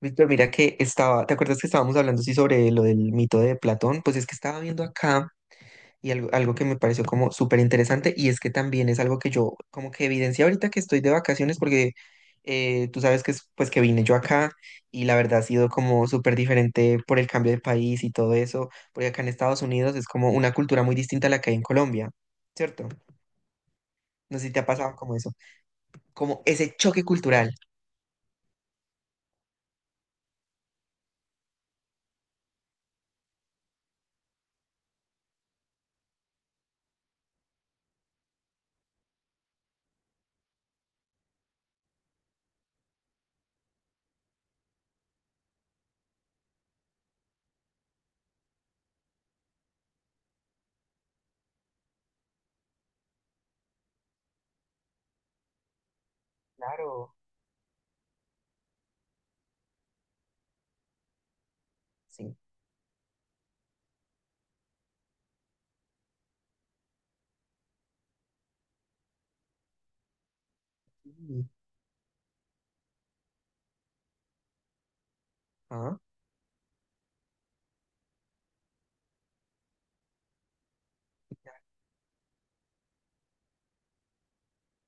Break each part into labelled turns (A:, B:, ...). A: Víctor, mira que estaba, ¿te acuerdas que estábamos hablando sí sobre lo del mito de Platón? Pues es que estaba viendo acá y algo que me pareció como súper interesante y es que también es algo que yo como que evidencia ahorita que estoy de vacaciones porque tú sabes que pues que vine yo acá y la verdad ha sido como súper diferente por el cambio de país y todo eso, porque acá en Estados Unidos es como una cultura muy distinta a la que hay en Colombia, ¿cierto? No sé si te ha pasado como eso, como ese choque cultural. Claro, sí. Sí. Ah,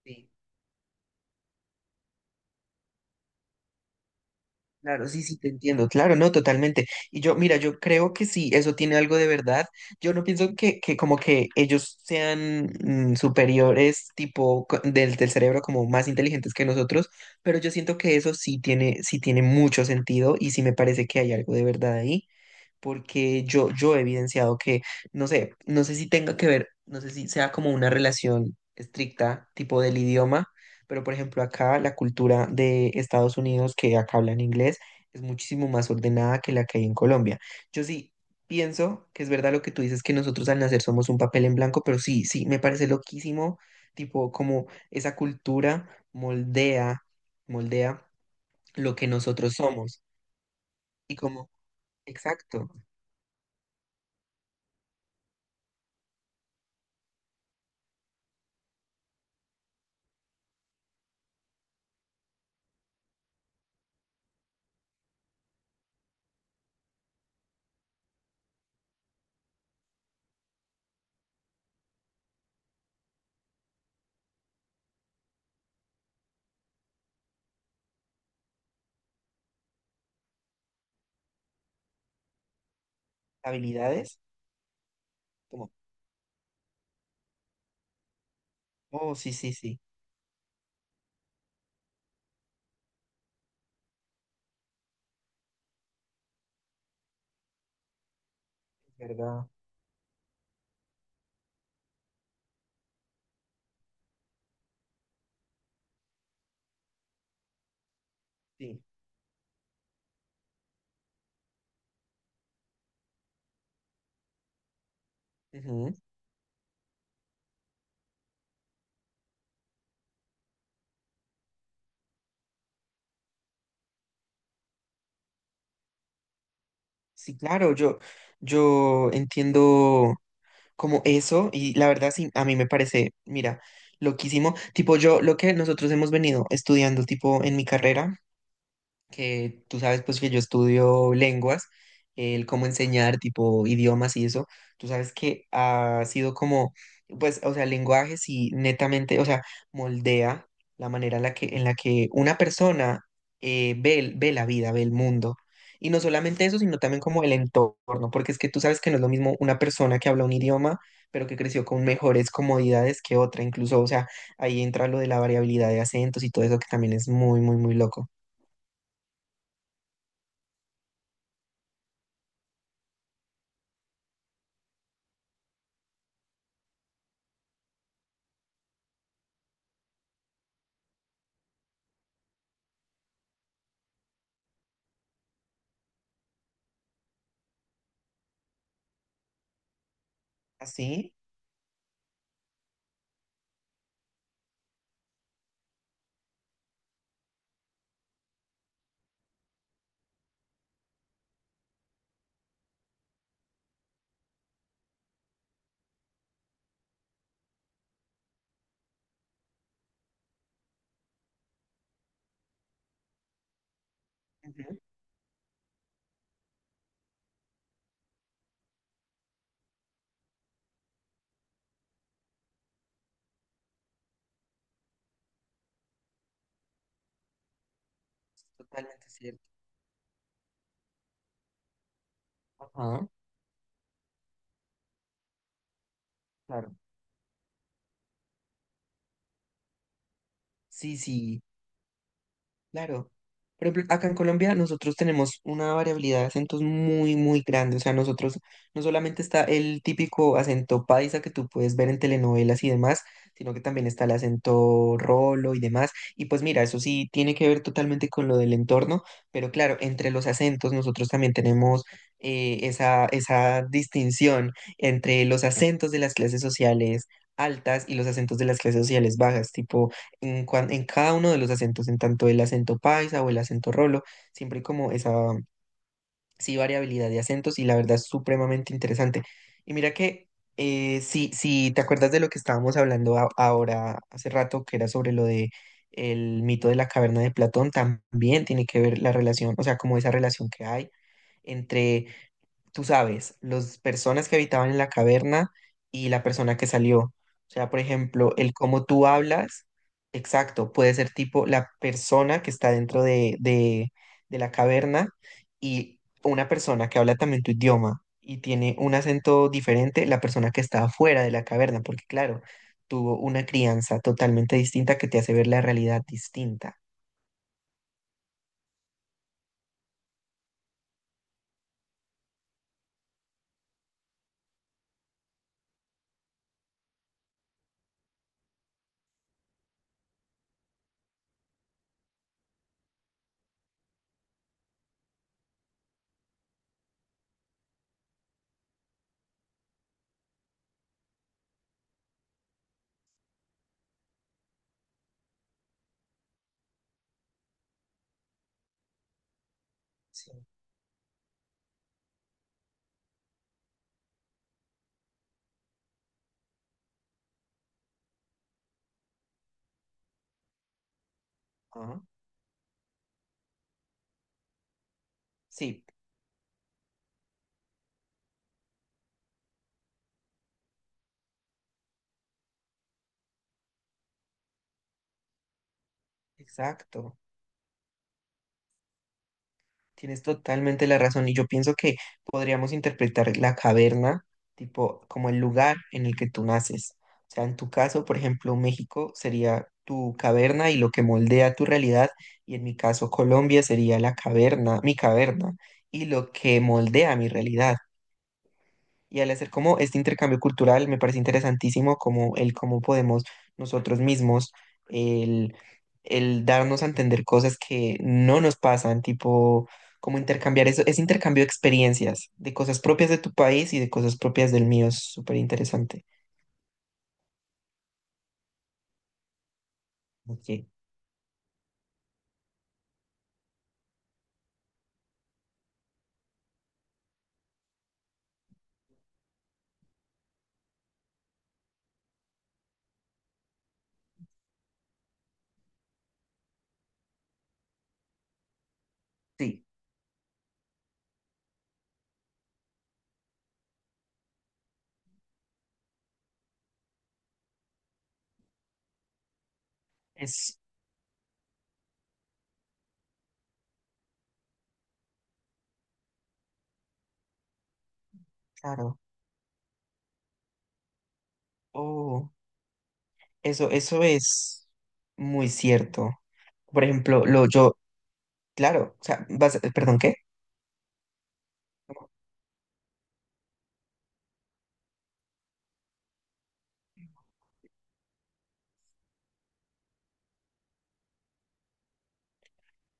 A: sí. Claro, sí, sí, te entiendo, claro, no, totalmente. Y yo, mira, yo creo que sí, eso tiene algo de verdad. Yo no pienso que como que ellos sean superiores, tipo, del cerebro, como más inteligentes que nosotros, pero yo siento que eso sí tiene mucho sentido y sí me parece que hay algo de verdad ahí porque yo he evidenciado que, no sé, no sé si tenga que ver, no sé si sea como una relación estricta, tipo del idioma, pero por ejemplo acá la cultura de Estados Unidos que acá hablan inglés es muchísimo más ordenada que la que hay en Colombia. Yo sí pienso que es verdad lo que tú dices, que nosotros al nacer somos un papel en blanco, pero sí, sí, me parece loquísimo, tipo como esa cultura moldea, moldea lo que nosotros somos y como, exacto, habilidades. Como oh, sí, sí, sí, es verdad. Sí. Ujú. Sí, claro, yo entiendo como eso y la verdad sí, a mí me parece, mira, loquísimo. Tipo, yo lo que nosotros hemos venido estudiando, tipo, en mi carrera. Que tú sabes pues que yo estudio lenguas, el cómo enseñar tipo idiomas y eso, tú sabes que ha sido como, pues, o sea, el lenguaje sí netamente, o sea, moldea la manera en la que una persona ve, ve la vida, ve el mundo. Y no solamente eso, sino también como el entorno, porque es que tú sabes que no es lo mismo una persona que habla un idioma, pero que creció con mejores comodidades que otra, incluso, o sea, ahí entra lo de la variabilidad de acentos y todo eso que también es muy, muy, muy loco. ¿Así? Ujú. Totalmente cierto. Ajá, claro. Sí, sí, claro. Por ejemplo, acá en Colombia nosotros tenemos una variabilidad de acentos muy, muy grande. O sea, nosotros no solamente está el típico acento paisa que tú puedes ver en telenovelas y demás, sino que también está el acento rolo y demás. Y pues mira, eso sí tiene que ver totalmente con lo del entorno, pero claro, entre los acentos nosotros también tenemos esa distinción entre los acentos de las clases sociales altas y los acentos de las clases sociales bajas, tipo en, en cada uno de los acentos, en tanto el acento paisa o el acento rolo, siempre hay como esa sí, variabilidad de acentos y la verdad es supremamente interesante. Y mira que si te acuerdas de lo que estábamos hablando ahora hace rato, que era sobre lo de el mito de la caverna de Platón, también tiene que ver la relación, o sea, como esa relación que hay entre tú sabes, las personas que habitaban en la caverna y la persona que salió. O sea, por ejemplo, el cómo tú hablas, exacto, puede ser tipo la persona que está dentro de la caverna y una persona que habla también tu idioma y tiene un acento diferente, la persona que está afuera de la caverna, porque claro, tuvo una crianza totalmente distinta que te hace ver la realidad distinta. Sí. Ajá. Sí, exacto. Tienes totalmente la razón y yo pienso que podríamos interpretar la caverna tipo como el lugar en el que tú naces. O sea, en tu caso, por ejemplo, México sería tu caverna y lo que moldea tu realidad, y en mi caso Colombia sería la caverna, mi caverna y lo que moldea mi realidad. Y al hacer como este intercambio cultural, me parece interesantísimo como el cómo podemos nosotros mismos, el, el darnos a entender cosas que no nos pasan, tipo como intercambiar eso, ese intercambio de experiencias, de cosas propias de tu país y de cosas propias del mío, es súper interesante. Ok, sí, es claro. Oh, eso es muy cierto. Por ejemplo, lo yo, claro, o sea, perdón, ¿qué?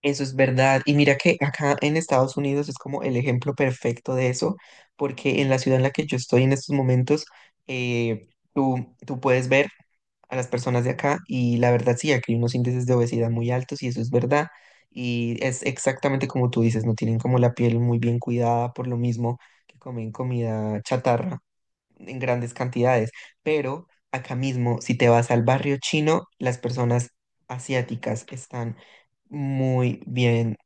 A: Eso es verdad. Y mira que acá en Estados Unidos es como el ejemplo perfecto de eso, porque en la ciudad en la que yo estoy en estos momentos, eh, tú puedes ver a las personas de acá y la verdad sí, aquí hay unos índices de obesidad muy altos y eso es verdad. Y es exactamente como tú dices, no tienen como la piel muy bien cuidada por lo mismo que comen comida chatarra en grandes cantidades. Pero acá mismo, si te vas al barrio chino, las personas asiáticas están muy bien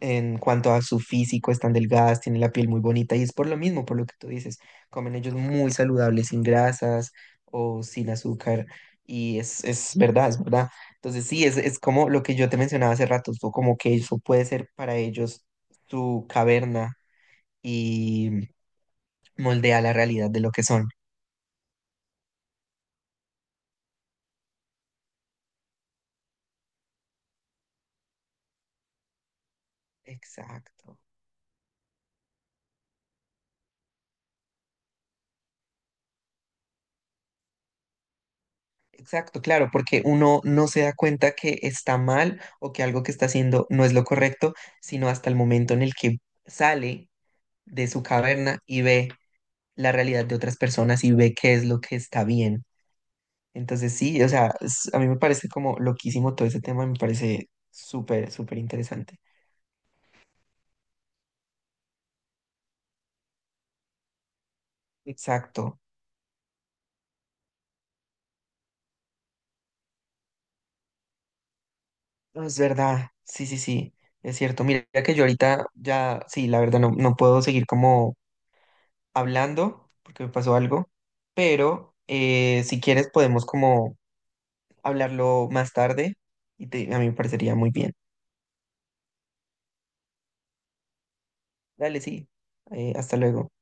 A: en cuanto a su físico, están delgadas, tienen la piel muy bonita y es por lo mismo, por lo que tú dices, comen ellos muy saludables, sin grasas o sin azúcar y es verdad, es verdad. Entonces sí, es como lo que yo te mencionaba hace rato, fue como que eso puede ser para ellos su caverna y moldea la realidad de lo que son. Exacto. Exacto, claro, porque uno no se da cuenta que está mal o que algo que está haciendo no es lo correcto, sino hasta el momento en el que sale de su caverna y ve la realidad de otras personas y ve qué es lo que está bien. Entonces sí, o sea, a mí me parece como loquísimo todo ese tema, me parece súper, súper interesante. Exacto. No, es verdad, sí, sí, sí, es cierto. Mira que yo ahorita ya, sí, la verdad no, no puedo seguir como hablando, porque me pasó algo, pero si quieres podemos como hablarlo más tarde y a mí me parecería muy bien. Dale, sí. Hasta luego.